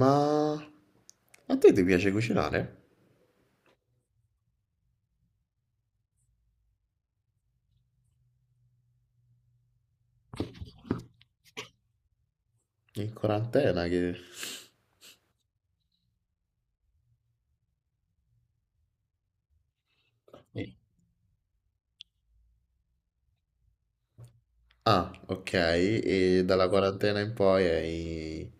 Ma a te ti piace cucinare? In quarantena che. Sì. Ah, ok, e dalla quarantena in poi hai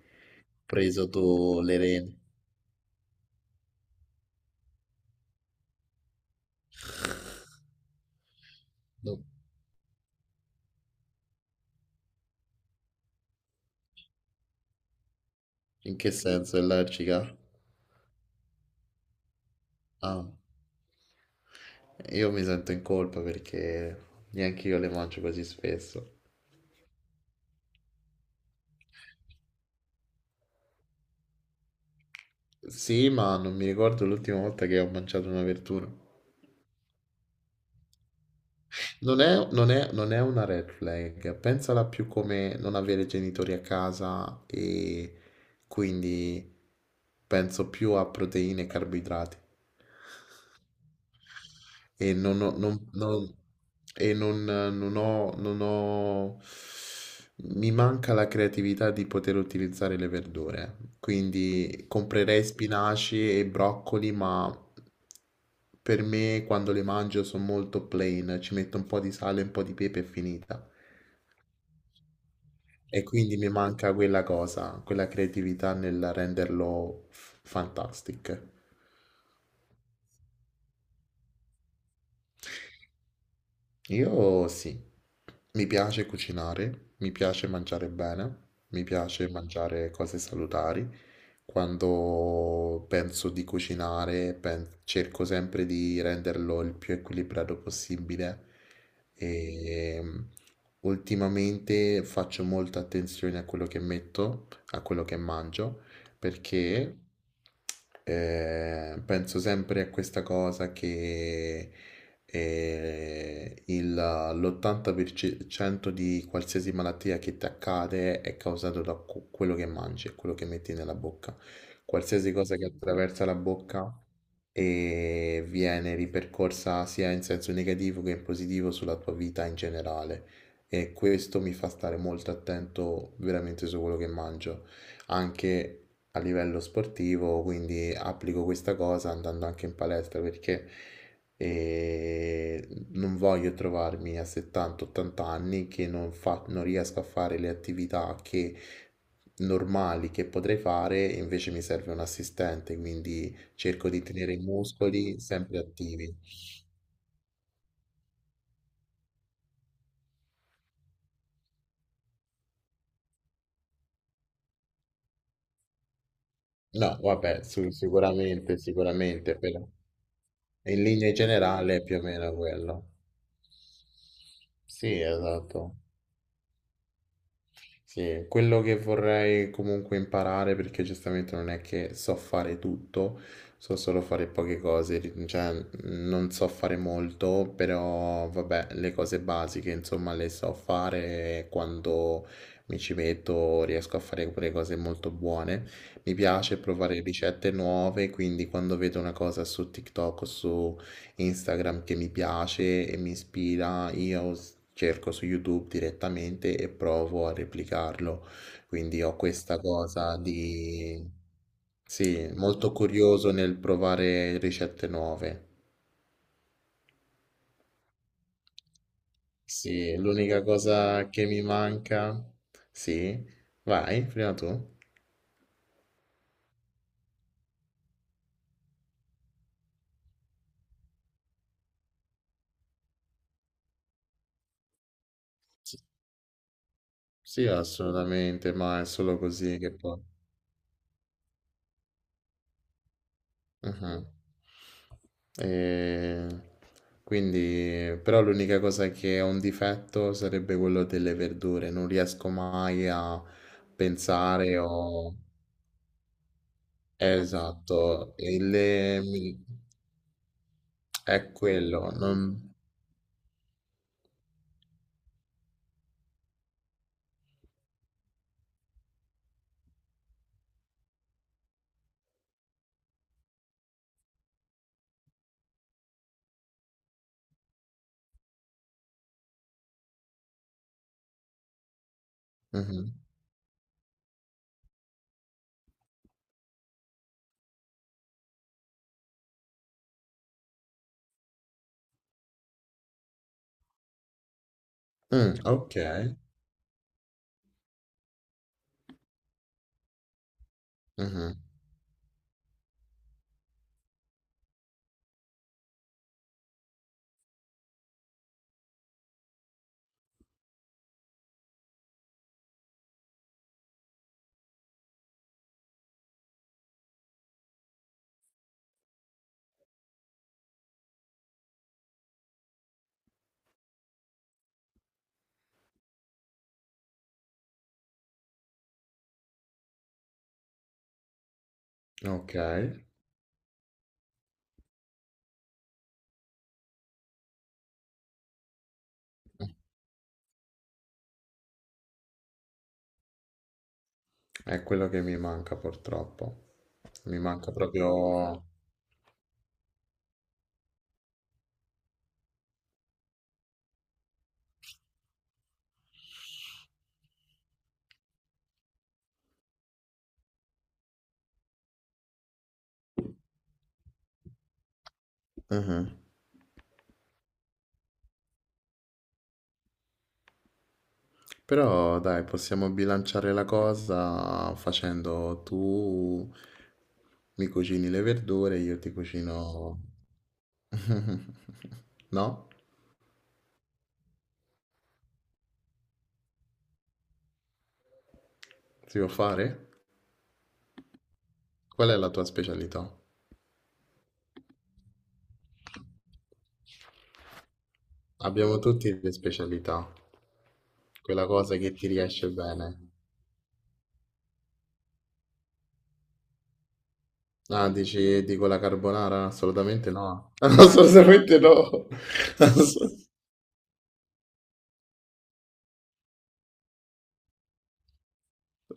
preso tu le reni. No. In che senso? È allergica? Ah, io mi sento in colpa perché neanche io le mangio così spesso. Sì, ma non mi ricordo l'ultima volta che ho mangiato una verdura. Non è una red flag, pensala più come non avere genitori a casa e quindi penso più a proteine e carboidrati e non ho, non- non- e non- non ho- non ho- mi manca la creatività di poter utilizzare le verdure, quindi comprerei spinaci e broccoli, ma per me quando le mangio sono molto plain, ci metto un po' di sale, un po' di pepe e finita. E quindi mi manca quella cosa, quella creatività nel renderlo fantastic. Io sì, mi piace cucinare, mi piace mangiare bene, mi piace mangiare cose salutari. Quando penso di cucinare, cerco sempre di renderlo il più equilibrato possibile e ultimamente faccio molta attenzione a quello che metto, a quello che mangio, perché penso sempre a questa cosa che e l'80% di qualsiasi malattia che ti accade è causato da quello che mangi e quello che metti nella bocca. Qualsiasi cosa che attraversa la bocca e viene ripercorsa sia in senso negativo che in positivo sulla tua vita in generale. E questo mi fa stare molto attento veramente su quello che mangio, anche a livello sportivo, quindi applico questa cosa andando anche in palestra perché non voglio trovarmi a 70-80 anni che non riesco a fare le attività che, normali che potrei fare, invece mi serve un assistente, quindi cerco di tenere i muscoli sempre attivi. No, vabbè, sicuramente, sicuramente, però in linea generale è più o meno quello. Sì, esatto. Sì, quello che vorrei comunque imparare, perché giustamente non è che so fare tutto, so solo fare poche cose, cioè non so fare molto, però vabbè, le cose basiche insomma le so fare e quando mi ci metto riesco a fare pure cose molto buone. Mi piace provare ricette nuove, quindi quando vedo una cosa su TikTok o su Instagram che mi piace e mi ispira, io cerco su YouTube direttamente e provo a replicarlo. Quindi ho questa cosa di. Sì, molto curioso nel provare ricette nuove. Sì, l'unica cosa che mi manca. Sì, vai, prima tu. Sì, assolutamente, ma è solo così che poi. Mh-mh. Ehm, quindi però l'unica cosa che è un difetto sarebbe quello delle verdure, non riesco mai a pensare o, esatto, e le mi, è quello, non, mh-mh. Okay. Mh-mh. Okay. Mh, è quello che mi manca purtroppo. Mi manca proprio. Mh-mh. Però dai, possiamo bilanciare la cosa facendo tu mi cucini le verdure, io ti cucino. No? Si può fare? Qual è la tua specialità? Abbiamo tutti le specialità, quella cosa che ti riesce bene. Ah, dico la carbonara? Assolutamente no. Assolutamente no. Ass-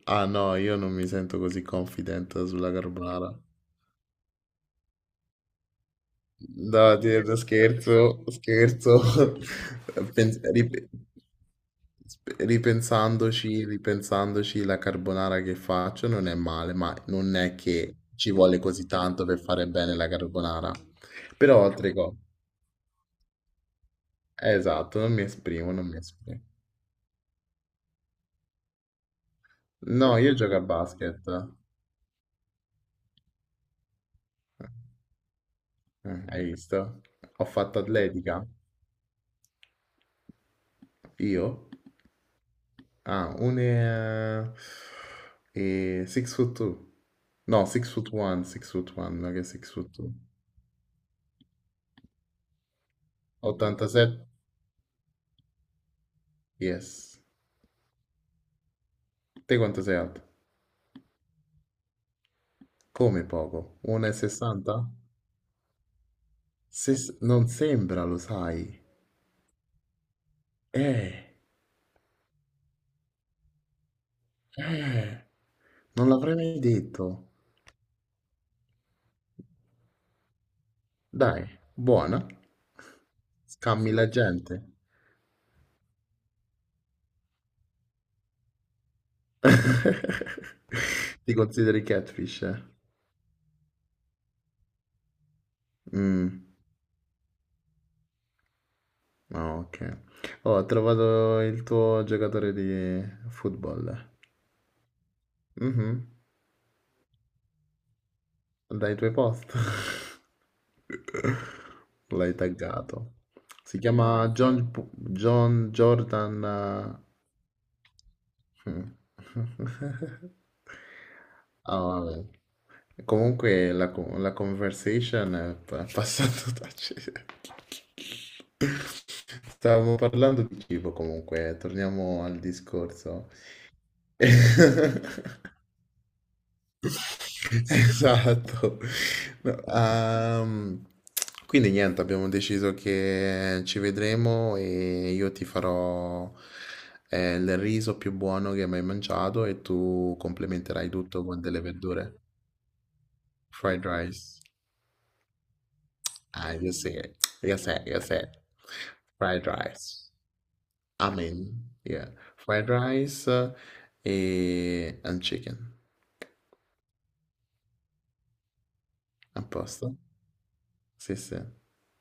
Ah no, io non mi sento così confident sulla carbonara. No, Tierno, scherzo, scherzo. Pens- rip- ripensandoci, la carbonara che faccio non è male, ma non è che ci vuole così tanto per fare bene la carbonara. Però altre cose. Esatto, non mi esprimo, non mi esprimo. No, io gioco a basket. Hai visto? Ho fatto atletica. Io? Ah, uno è 6 foot 2. No, 6 foot 1, 6 foot 1, non che 6 foot 2. 87? Yes. Te quanto sei alto? Come poco? 1,60? Non sembra, lo sai. Eh, eh, Non l'avrei mai detto. Dai, buona. Scammi la gente. Ti consideri catfish, eh? Mm. Ah, ok. Oh, ho trovato il tuo giocatore di football. Mhm. Dai tuoi post. L'hai taggato. Si chiama John, John Jordan. Mm. Ah, vabbè. Comunque la conversation è passata da cena. Stavamo parlando di cibo comunque, torniamo al discorso. Esatto. No, quindi niente, abbiamo deciso che ci vedremo e io ti farò il riso più buono che hai mai mangiato e tu complementerai tutto con delle verdure. Fried rice. Ah, io sì, io sì, io sì. Fried rice. Amen. Yeah. Fried rice e and chicken. A posto? Sì, sì.